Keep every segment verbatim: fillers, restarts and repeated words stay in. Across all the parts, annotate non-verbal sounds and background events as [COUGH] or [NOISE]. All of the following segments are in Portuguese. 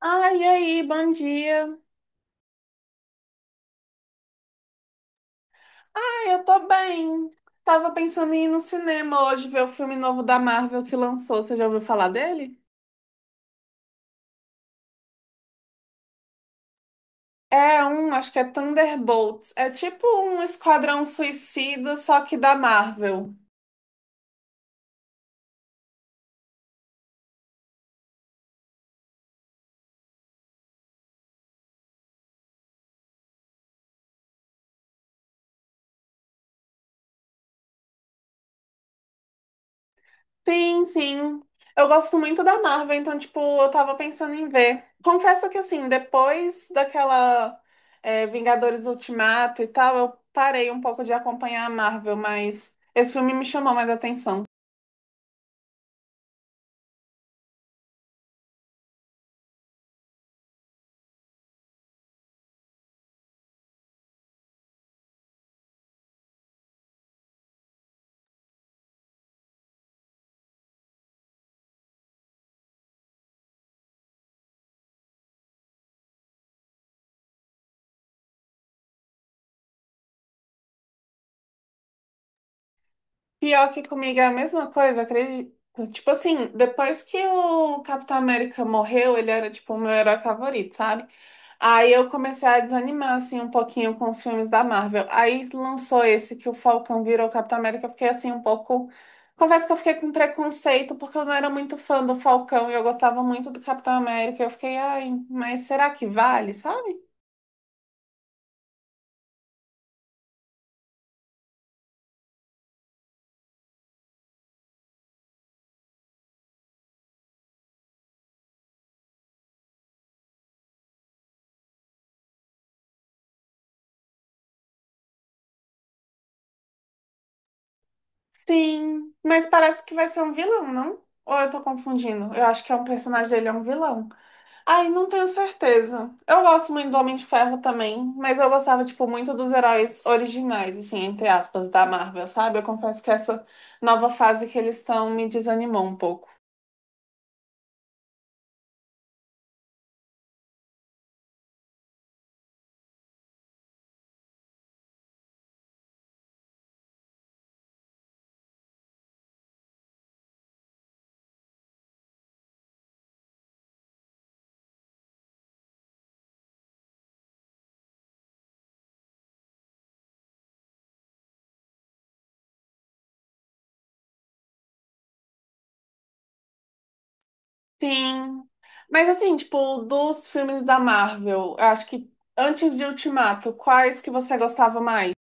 Ai, e aí, bom dia. Ai, eu tô bem. Tava pensando em ir no cinema hoje ver o filme novo da Marvel que lançou. Você já ouviu falar dele? É um, acho que é Thunderbolts. É tipo um Esquadrão Suicida, só que da Marvel. Sim, sim. Eu gosto muito da Marvel, então, tipo, eu tava pensando em ver. Confesso que, assim, depois daquela é, Vingadores Ultimato e tal, eu parei um pouco de acompanhar a Marvel, mas esse filme me chamou mais atenção. Pior que comigo é a mesma coisa, acredito. Tipo assim, depois que o Capitão América morreu, ele era tipo o meu herói favorito, sabe? Aí eu comecei a desanimar assim um pouquinho com os filmes da Marvel. Aí lançou esse que o Falcão virou o Capitão América, eu fiquei assim um pouco. Confesso que eu fiquei com preconceito porque eu não era muito fã do Falcão e eu gostava muito do Capitão América. Eu fiquei, ai, mas será que vale, sabe? Sim, mas parece que vai ser um vilão, não? Ou eu tô confundindo? Eu acho que é um personagem dele, é um vilão. Ai, não tenho certeza. Eu gosto muito do Homem de Ferro também, mas eu gostava, tipo, muito dos heróis originais, assim, entre aspas, da Marvel, sabe? Eu confesso que essa nova fase que eles estão me desanimou um pouco. Sim. Mas assim, tipo, dos filmes da Marvel, eu acho que antes de Ultimato, quais que você gostava mais?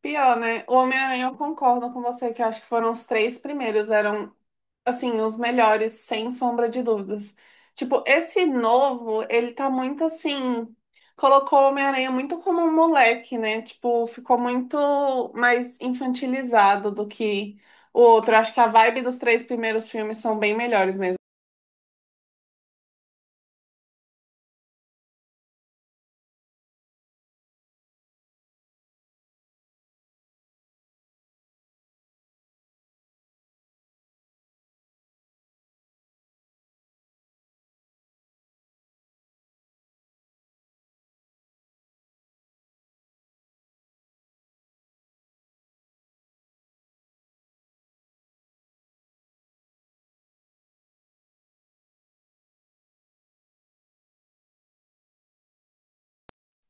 Pior, né? O Homem-Aranha, eu concordo com você, que eu acho que foram os três primeiros, eram assim, os melhores, sem sombra de dúvidas. Tipo, esse novo, ele tá muito assim. Colocou o Homem-Aranha muito como um moleque, né? Tipo, ficou muito mais infantilizado do que o outro. Acho que a vibe dos três primeiros filmes são bem melhores mesmo.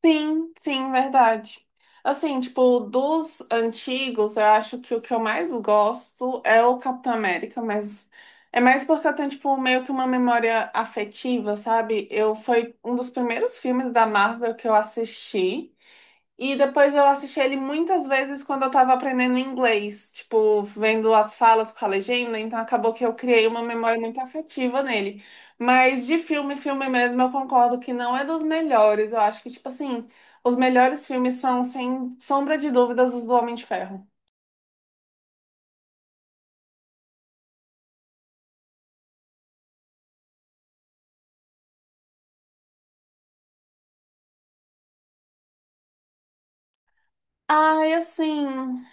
Sim, sim, verdade. Assim, tipo, dos antigos, eu acho que o que eu mais gosto é o Capitão América, mas é mais porque eu tenho, tipo, meio que uma memória afetiva, sabe? Eu foi um dos primeiros filmes da Marvel que eu assisti. E depois eu assisti ele muitas vezes quando eu tava aprendendo inglês, tipo, vendo as falas com a legenda, então acabou que eu criei uma memória muito afetiva nele. Mas de filme, filme mesmo, eu concordo que não é dos melhores. Eu acho que, tipo assim, os melhores filmes são, sem sombra de dúvidas, os do Homem de Ferro. Ai, assim,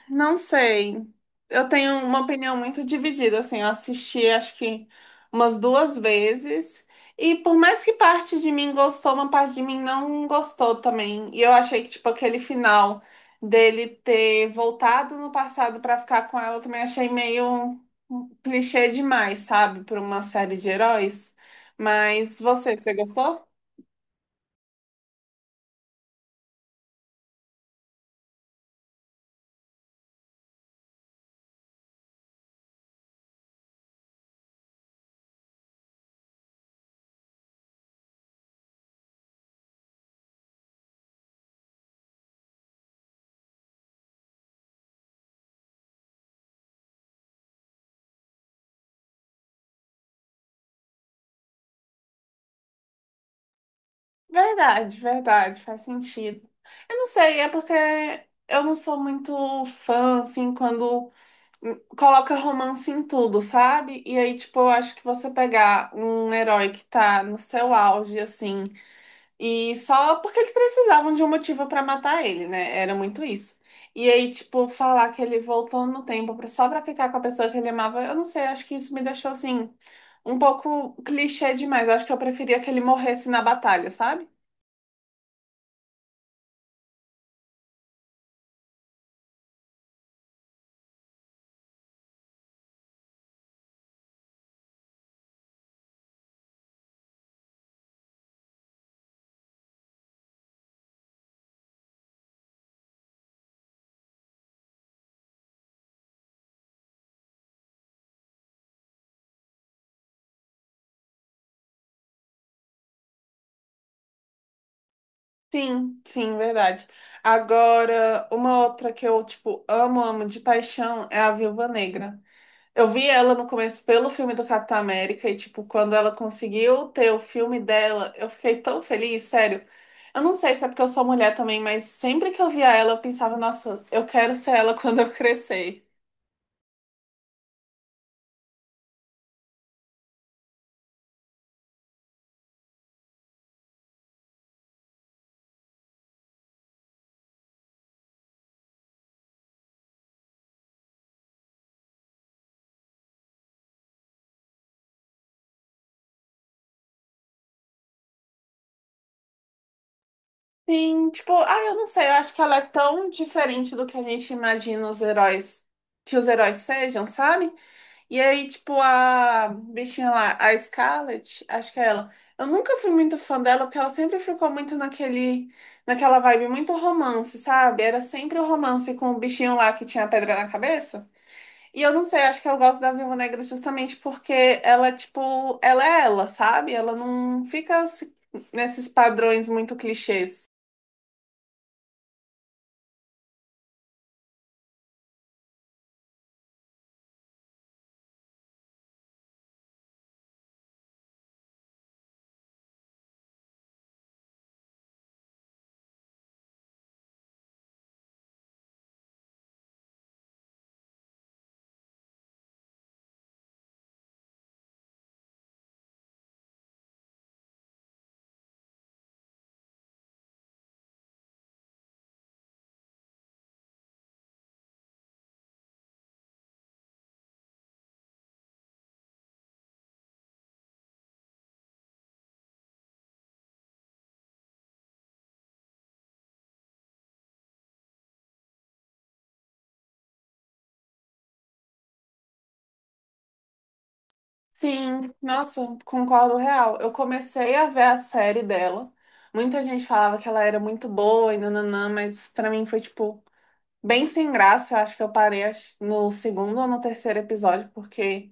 não sei. Eu tenho uma opinião muito dividida, assim, eu assisti acho que umas duas vezes, e por mais que parte de mim gostou, uma parte de mim não gostou também. E eu achei que, tipo, aquele final dele ter voltado no passado pra ficar com ela, eu também achei meio clichê demais, sabe, para uma série de heróis. Mas você, você gostou? Verdade, verdade, faz sentido. Eu não sei, é porque eu não sou muito fã, assim, quando hum, coloca romance em tudo, sabe? E aí, tipo, eu acho que você pegar um herói que tá no seu auge, assim, e só porque eles precisavam de um motivo pra matar ele, né? Era muito isso. E aí, tipo, falar que ele voltou no tempo pra- só pra ficar com a pessoa que ele amava, eu não sei, acho que isso me deixou, assim, um pouco clichê demais. Eu acho que eu preferia que ele morresse na batalha, sabe? Sim, sim, verdade. Agora, uma outra que eu, tipo, amo, amo de paixão é a Viúva Negra. Eu vi ela no começo pelo filme do Capitão América e, tipo, quando ela conseguiu ter o filme dela, eu fiquei tão feliz, sério. Eu não sei se é porque eu sou mulher também, mas sempre que eu via ela, eu pensava, nossa, eu quero ser ela [LAUGHS] quando eu crescer. Sim, tipo, ah, eu não sei, eu acho que ela é tão diferente do que a gente imagina os heróis, que os heróis sejam, sabe? E aí, tipo, a bichinha lá, a Scarlett, acho que é ela. Eu nunca fui muito fã dela, porque ela sempre ficou muito naquele, naquela vibe muito romance, sabe? Era sempre o romance com o bichinho lá que tinha a pedra na cabeça. E eu não sei, acho que eu gosto da Viúva Negra justamente porque ela, tipo, ela é ela, sabe? Ela não fica se- nesses padrões muito clichês. Sim, nossa, concordo real. Eu comecei a ver a série dela. Muita gente falava que ela era muito boa e nananã, mas pra mim foi tipo bem sem graça. Eu acho que eu parei acho, no segundo ou no terceiro episódio, porque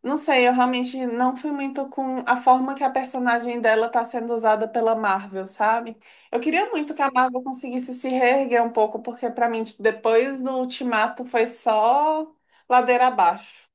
não sei, eu realmente não fui muito com a forma que a personagem dela tá sendo usada pela Marvel, sabe? Eu queria muito que a Marvel conseguisse se reerguer um pouco, porque pra mim tipo, depois do Ultimato foi só ladeira abaixo.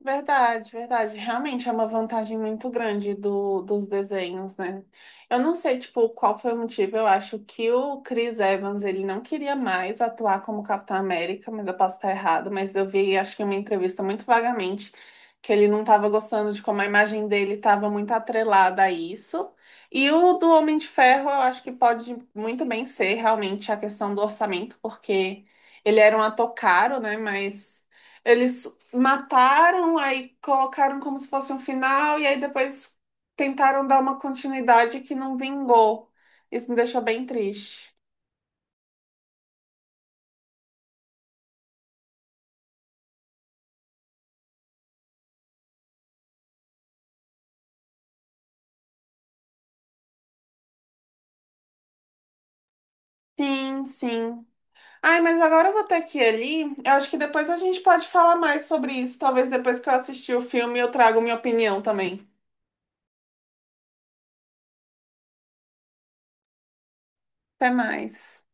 Verdade, verdade. Realmente é uma vantagem muito grande do, dos desenhos, né? Eu não sei, tipo, qual foi o motivo. Eu acho que o Chris Evans, ele não queria mais atuar como Capitão América, mas eu posso estar errado, mas eu vi, acho que uma entrevista muito vagamente, que ele não estava gostando de como a imagem dele estava muito atrelada a isso. E o do Homem de Ferro, eu acho que pode muito bem ser realmente a questão do orçamento, porque ele era um ator caro, né? Mas... Eles mataram, aí colocaram como se fosse um final, e aí depois tentaram dar uma continuidade que não vingou. Isso me deixou bem triste. Sim, sim. Ai, mas agora eu vou ter que ir ali. Eu acho que depois a gente pode falar mais sobre isso. Talvez depois que eu assistir o filme eu trago minha opinião também. Até mais.